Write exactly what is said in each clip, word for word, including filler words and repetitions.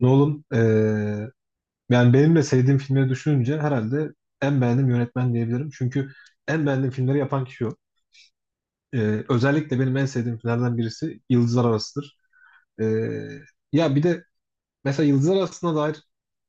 Nolan, eee yani benim de sevdiğim filmleri düşününce herhalde en beğendiğim yönetmen diyebilirim. Çünkü en beğendiğim filmleri yapan kişi o. Eee, özellikle benim en sevdiğim filmlerden birisi Yıldızlar Arası'dır. Eee, ya bir de mesela Yıldızlar Arası'na dair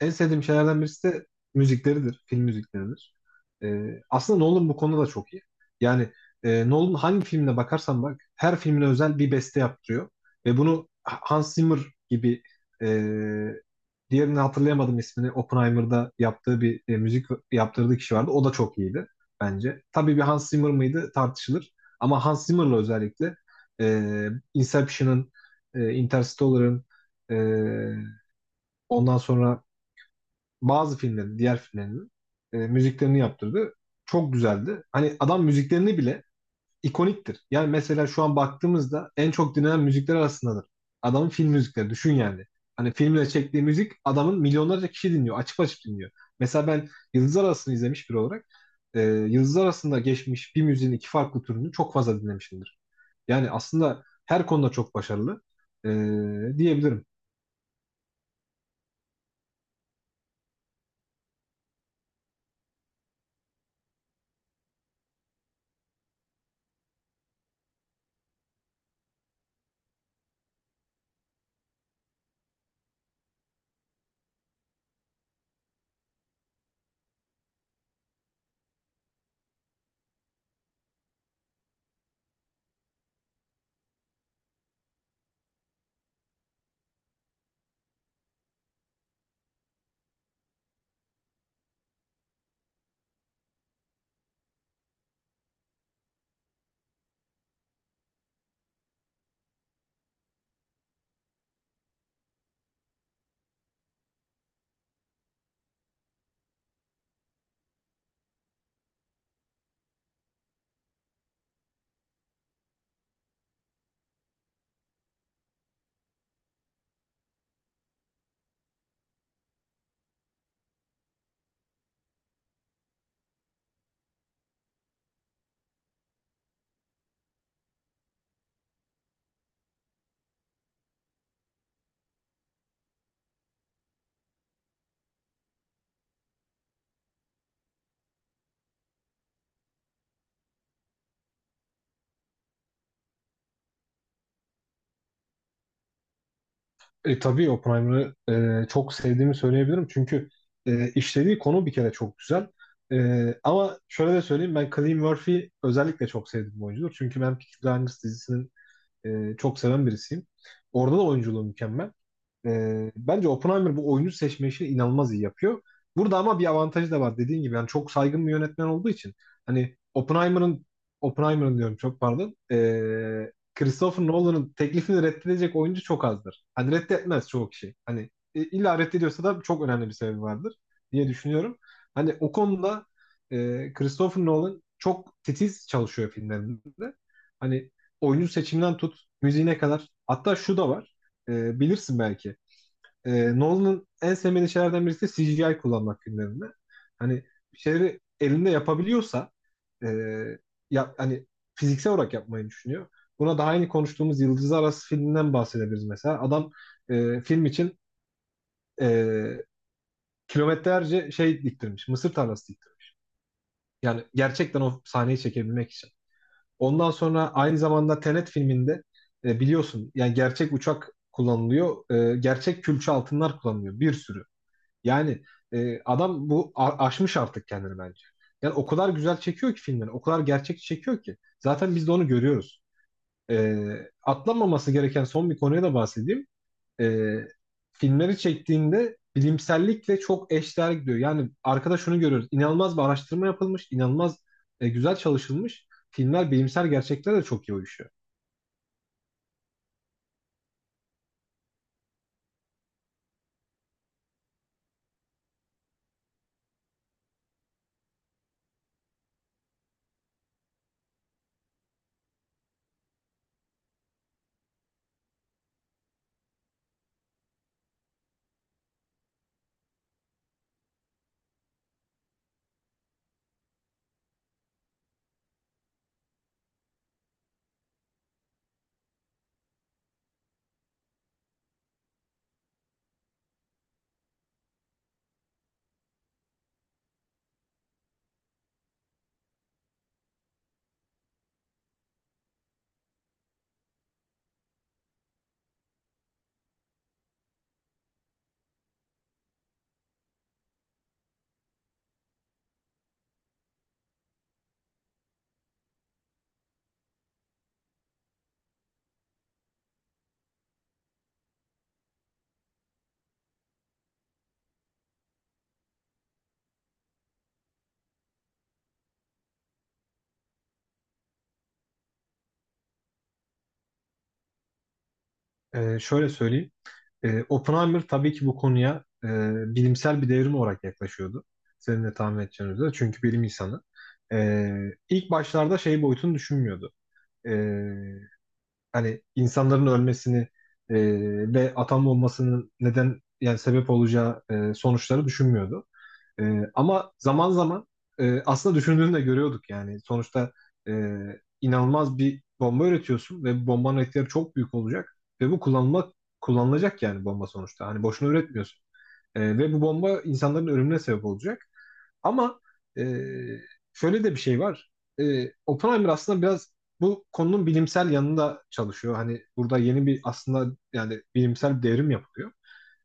en sevdiğim şeylerden birisi de müzikleridir. Film müzikleridir. Ee, aslında Nolan bu konuda da çok iyi. Yani e, Nolan hangi filmine bakarsan bak her filmine özel bir beste yaptırıyor. Ve bunu Hans Zimmer gibi, e, diğerini hatırlayamadım ismini. Oppenheimer'da yaptığı bir e, müzik yaptırdığı kişi vardı. O da çok iyiydi bence. Tabii bir Hans Zimmer mıydı tartışılır. Ama Hans Zimmer'la özellikle e, Inception'ın, e, Interstellar'ın, e, ondan sonra bazı filmlerin, diğer filmlerinin e, müziklerini yaptırdı. Çok güzeldi. Hani adam müziklerini bile ikoniktir. Yani mesela şu an baktığımızda en çok dinlenen müzikler arasındadır. Adamın film müzikleri düşün yani. Hani filmle çektiği müzik adamın milyonlarca kişi dinliyor. Açıp açıp dinliyor. Mesela ben Yıldızlar Arası'nı izlemiş biri olarak e, Yıldızlar Arası'nda geçmiş bir müziğin iki farklı türünü çok fazla dinlemişimdir. Yani aslında her konuda çok başarılı e, diyebilirim. E, tabii Oppenheimer'ı e, çok sevdiğimi söyleyebilirim. Çünkü e, işlediği konu bir kere çok güzel. E, ama şöyle de söyleyeyim ben Cillian Murphy'yi özellikle çok sevdiğim bir oyuncudur. Çünkü ben Peaky Blinders dizisinin e, çok seven birisiyim. Orada da oyunculuğu mükemmel. Ee, bence Oppenheimer bu oyuncu seçme işini inanılmaz iyi yapıyor. Burada ama bir avantajı da var dediğin gibi. Yani çok saygın bir yönetmen olduğu için hani Oppenheimer'ın Oppenheimer'ın diyorum çok pardon. Ee, Christopher Nolan'ın teklifini reddedecek oyuncu çok azdır. Hani reddetmez çoğu kişi. Hani e, illa reddediyorsa da çok önemli bir sebebi vardır diye düşünüyorum. Hani o konuda e, Christopher Nolan çok titiz çalışıyor filmlerinde. Hani oyuncu seçiminden tut müziğine kadar. Hatta şu da var. E, bilirsin belki. E, Nolan'ın en sevmediği şeylerden birisi de C G I kullanmak filmlerinde. Hani bir şeyleri elinde yapabiliyorsa e, ya, hani fiziksel olarak yapmayı düşünüyor. Buna daha yeni konuştuğumuz Yıldızlar Arası filminden bahsedebiliriz mesela. Adam e, film için e, kilometrelerce şey diktirmiş. Mısır tarlası diktirmiş. Yani gerçekten o sahneyi çekebilmek için. Ondan sonra aynı zamanda Tenet filminde e, biliyorsun yani gerçek uçak kullanılıyor. E, gerçek külçe altınlar kullanılıyor. Bir sürü. Yani e, adam bu a- aşmış artık kendini bence. Yani o kadar güzel çekiyor ki filmleri, o kadar gerçekçi çekiyor ki. Zaten biz de onu görüyoruz. E, atlanmaması gereken son bir konuya da bahsedeyim. E, filmleri çektiğinde bilimsellikle çok eşdeğer gidiyor. Yani arkada şunu görüyoruz. İnanılmaz bir araştırma yapılmış, inanılmaz e, güzel çalışılmış. Filmler bilimsel gerçeklere de çok iyi uyuşuyor. E, şöyle söyleyeyim. E, Oppenheimer tabii ki bu konuya e, bilimsel bir devrim olarak yaklaşıyordu. Senin de tahmin edeceğin üzere. Çünkü bilim insanı. E, ilk başlarda şey boyutunu düşünmüyordu. E, hani insanların ölmesini e, ve atom bombasının neden yani sebep olacağı e, sonuçları düşünmüyordu. E, ama zaman zaman e, aslında düşündüğünü de görüyorduk yani. Sonuçta e, inanılmaz bir bomba üretiyorsun ve bu bombanın etkileri çok büyük olacak ve bu kullanılmak kullanılacak yani bomba sonuçta. Hani boşuna üretmiyorsun. E, ve bu bomba insanların ölümüne sebep olacak. Ama e, şöyle de bir şey var. E, Oppenheimer aslında biraz bu konunun bilimsel yanında çalışıyor. Hani burada yeni bir aslında yani bilimsel bir devrim yapılıyor.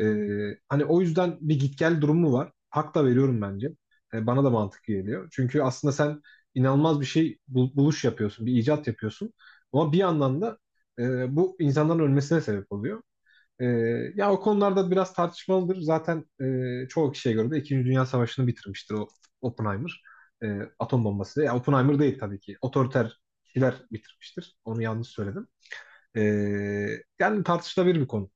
Ee, hani o yüzden bir git gel durumu var. Hak da veriyorum bence. Ee, bana da mantıklı geliyor. Çünkü aslında sen inanılmaz bir şey bul- buluş yapıyorsun, bir icat yapıyorsun. Ama bir yandan da e, bu insanların ölmesine sebep oluyor. Ee, ya o konularda biraz tartışmalıdır. Zaten e, çoğu kişiye göre de İkinci Dünya Savaşı'nı bitirmiştir o Oppenheimer. Ee, atom bombası. Ya Oppenheimer değil tabii ki. Otoriter kişiler bitirmiştir. Onu yanlış söyledim. Ee, yani tartışılabilir bir konu.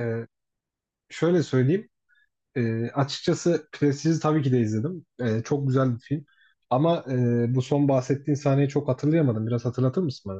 Ee, şöyle söyleyeyim. E, açıkçası Prestige'i tabii ki de izledim. E, çok güzel bir film. Ama e, bu son bahsettiğin sahneyi çok hatırlayamadım. Biraz hatırlatır mısın?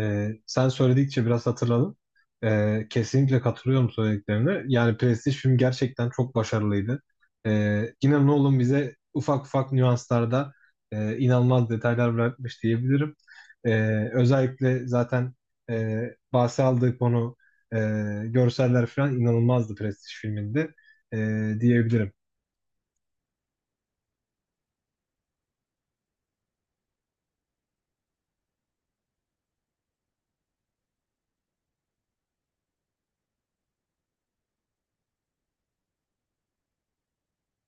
Ee, sen söyledikçe biraz hatırladım. Ee, kesinlikle katılıyorum söylediklerine. Yani Prestige film gerçekten çok başarılıydı. Ee, yine Nolan bize ufak ufak nüanslarda e, inanılmaz detaylar bırakmış diyebilirim. Ee, özellikle zaten e, bahse aldığı konu, e, görseller falan inanılmazdı Prestige filminde e, diyebilirim.